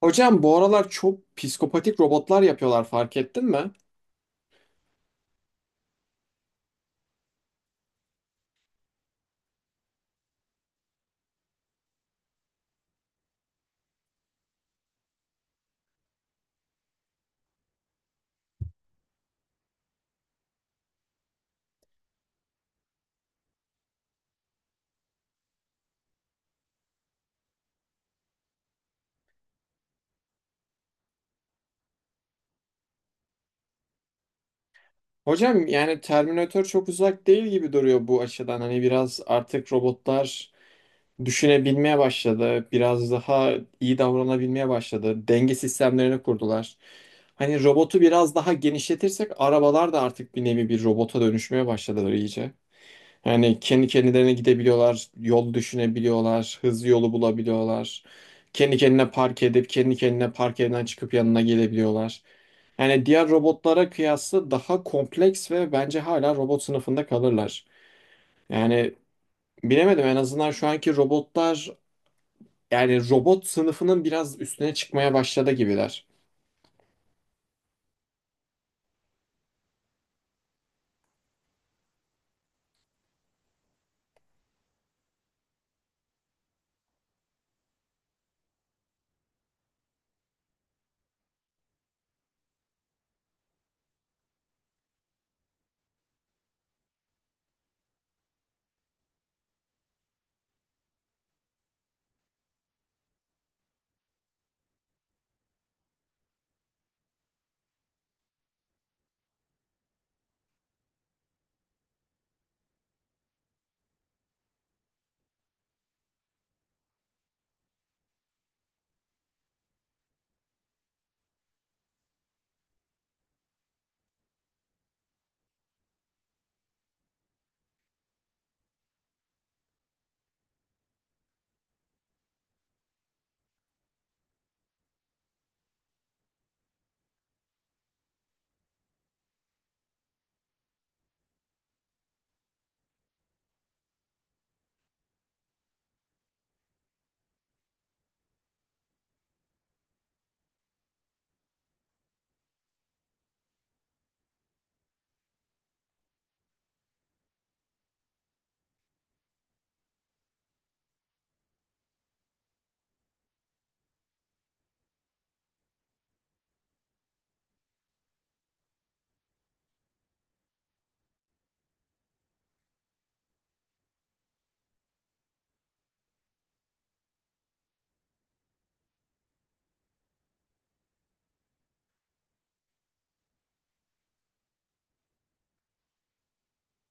Hocam bu aralar çok psikopatik robotlar yapıyorlar, fark ettin mi? Hocam yani Terminator çok uzak değil gibi duruyor bu açıdan. Hani biraz artık robotlar düşünebilmeye başladı. Biraz daha iyi davranabilmeye başladı. Denge sistemlerini kurdular. Hani robotu biraz daha genişletirsek arabalar da artık bir nevi bir robota dönüşmeye başladılar iyice. Yani kendi kendilerine gidebiliyorlar, yol düşünebiliyorlar, hızlı yolu bulabiliyorlar. Kendi kendine park edip kendi kendine park yerinden çıkıp yanına gelebiliyorlar. Yani diğer robotlara kıyasla daha kompleks ve bence hala robot sınıfında kalırlar. Yani bilemedim, en azından şu anki robotlar yani robot sınıfının biraz üstüne çıkmaya başladı gibiler.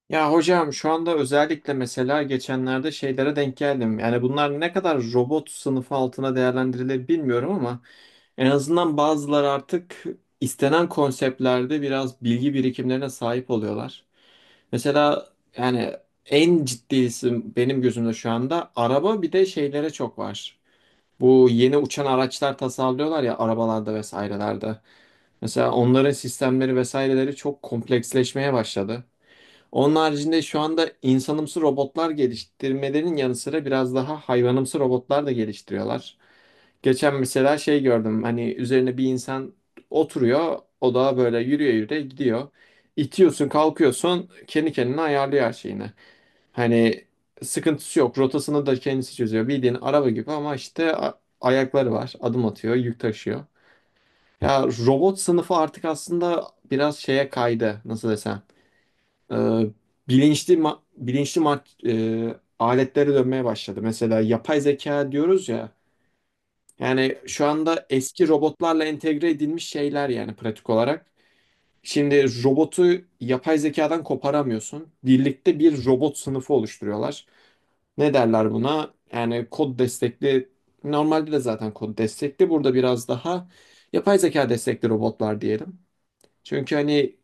Ya hocam, şu anda özellikle mesela geçenlerde şeylere denk geldim. Yani bunlar ne kadar robot sınıfı altına değerlendirilir bilmiyorum ama en azından bazıları artık istenen konseptlerde biraz bilgi birikimlerine sahip oluyorlar. Mesela yani en ciddisi benim gözümde şu anda araba, bir de şeylere çok var. Bu yeni uçan araçlar tasarlıyorlar ya, arabalarda vesairelerde. Mesela onların sistemleri vesaireleri çok kompleksleşmeye başladı. Onun haricinde şu anda insanımsı robotlar geliştirmelerin yanı sıra biraz daha hayvanımsı robotlar da geliştiriyorlar. Geçen mesela şey gördüm, hani üzerine bir insan oturuyor, o da böyle yürüye yürüye gidiyor. İtiyorsun kalkıyorsun, kendi kendine ayarlıyor her şeyini. Hani sıkıntısı yok, rotasını da kendisi çözüyor bildiğin araba gibi ama işte ayakları var, adım atıyor, yük taşıyor. Ya robot sınıfı artık aslında biraz şeye kaydı, nasıl desem, e, bilinçli aletlere dönmeye başladı. Mesela yapay zeka diyoruz ya. Yani şu anda eski robotlarla entegre edilmiş şeyler, yani pratik olarak. Şimdi robotu yapay zekadan koparamıyorsun. Birlikte bir robot sınıfı oluşturuyorlar. Ne derler buna? Yani kod destekli, normalde de zaten kod destekli. Burada biraz daha yapay zeka destekli robotlar diyelim. Çünkü hani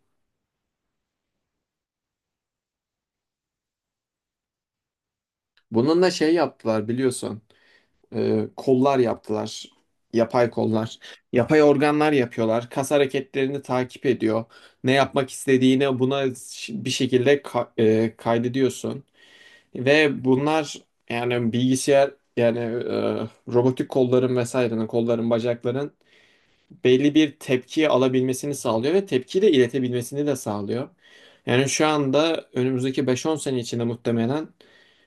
bununla şey yaptılar biliyorsun. Kollar yaptılar. Yapay kollar. Yapay organlar yapıyorlar. Kas hareketlerini takip ediyor. Ne yapmak istediğini buna bir şekilde kaydediyorsun. Ve bunlar yani yani e, robotik kolların, vesairenin, kolların, bacakların belli bir tepki alabilmesini sağlıyor ve tepki de iletebilmesini de sağlıyor. Yani şu anda önümüzdeki 5-10 sene içinde muhtemelen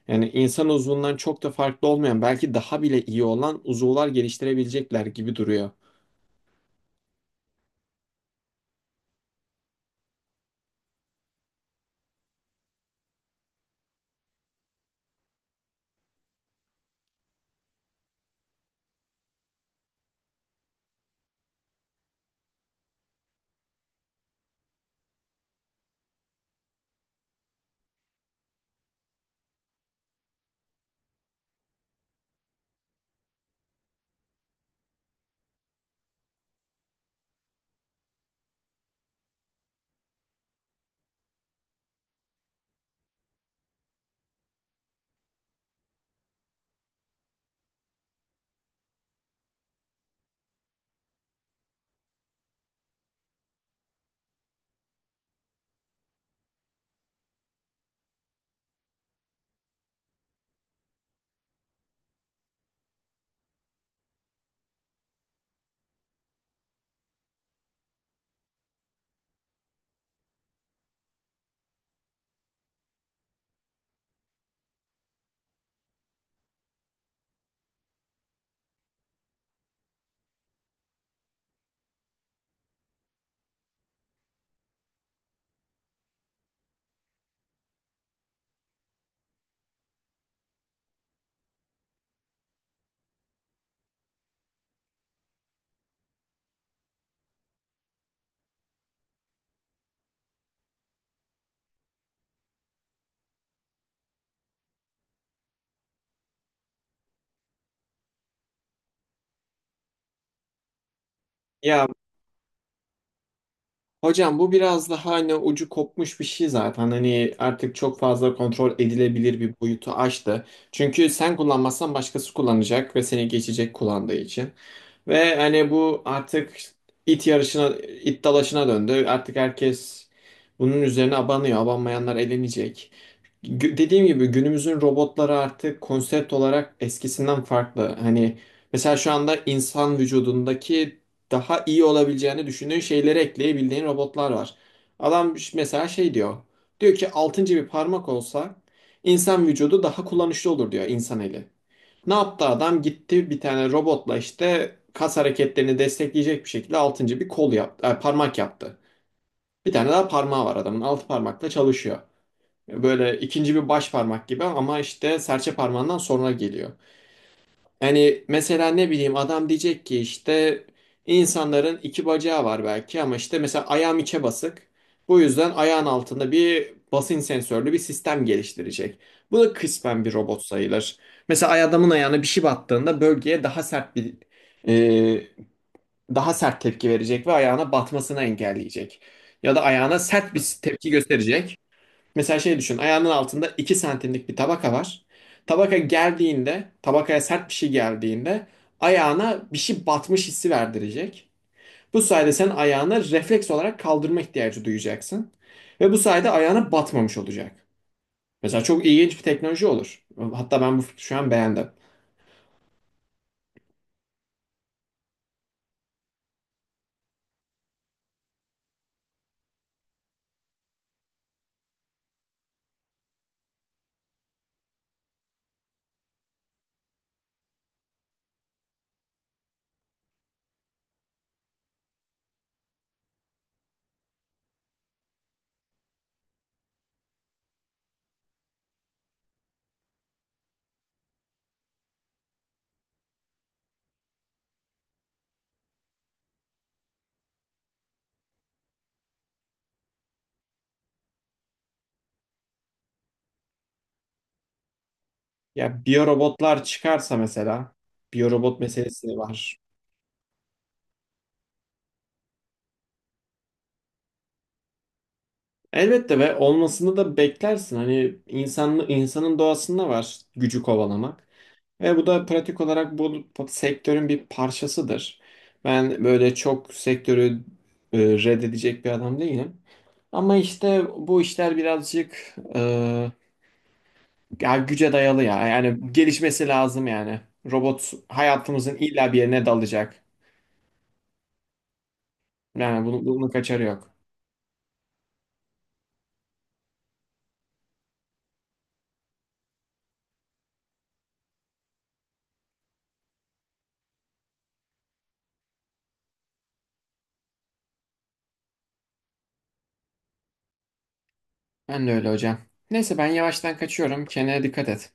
yani insan uzvundan çok da farklı olmayan, belki daha bile iyi olan uzuvlar geliştirebilecekler gibi duruyor. Ya hocam, bu biraz daha hani ucu kopmuş bir şey zaten. Hani artık çok fazla kontrol edilebilir bir boyutu aştı. Çünkü sen kullanmazsan başkası kullanacak ve seni geçecek kullandığı için. Ve hani bu artık it yarışına, it dalaşına döndü. Artık herkes bunun üzerine abanıyor. Abanmayanlar elenecek. Dediğim gibi günümüzün robotları artık konsept olarak eskisinden farklı. Hani mesela şu anda insan vücudundaki daha iyi olabileceğini düşündüğün şeyleri ekleyebildiğin robotlar var. Adam mesela şey diyor. Diyor ki altıncı bir parmak olsa insan vücudu daha kullanışlı olur diyor, insan eli. Ne yaptı adam? Gitti bir tane robotla işte kas hareketlerini destekleyecek bir şekilde altıncı bir kol yaptı, parmak yaptı. Bir tane daha parmağı var adamın. Altı parmakla çalışıyor. Böyle ikinci bir baş parmak gibi ama işte serçe parmağından sonra geliyor. Yani mesela ne bileyim, adam diyecek ki işte insanların iki bacağı var belki ama işte mesela ayağım içe basık. Bu yüzden ayağın altında bir basınç sensörlü bir sistem geliştirecek. Bu da kısmen bir robot sayılır. Mesela adamın ayağına bir şey battığında bölgeye e, daha sert tepki verecek ve ayağına batmasını engelleyecek. Ya da ayağına sert bir tepki gösterecek. Mesela şey düşün, ayağının altında 2 santimlik bir tabaka var. Tabaka geldiğinde, tabakaya sert bir şey geldiğinde ayağına bir şey batmış hissi verdirecek. Bu sayede sen ayağını refleks olarak kaldırma ihtiyacı duyacaksın. Ve bu sayede ayağına batmamış olacak. Mesela çok ilginç bir teknoloji olur. Hatta ben bu fikri şu an beğendim. Ya biyorobotlar çıkarsa mesela, biyorobot meselesi var. Elbette, ve olmasını da beklersin. Hani insan, insanın doğasında var gücü kovalamak. Ve bu da pratik olarak bu sektörün bir parçasıdır. Ben böyle çok sektörü e, reddedecek bir adam değilim. Ama işte bu işler birazcık, ya güce dayalı ya. Yani gelişmesi lazım yani. Robot hayatımızın illa bir yerine dalacak. Yani bunun, bunun kaçarı yok. Ben de öyle hocam. Neyse ben yavaştan kaçıyorum. Kendine dikkat et.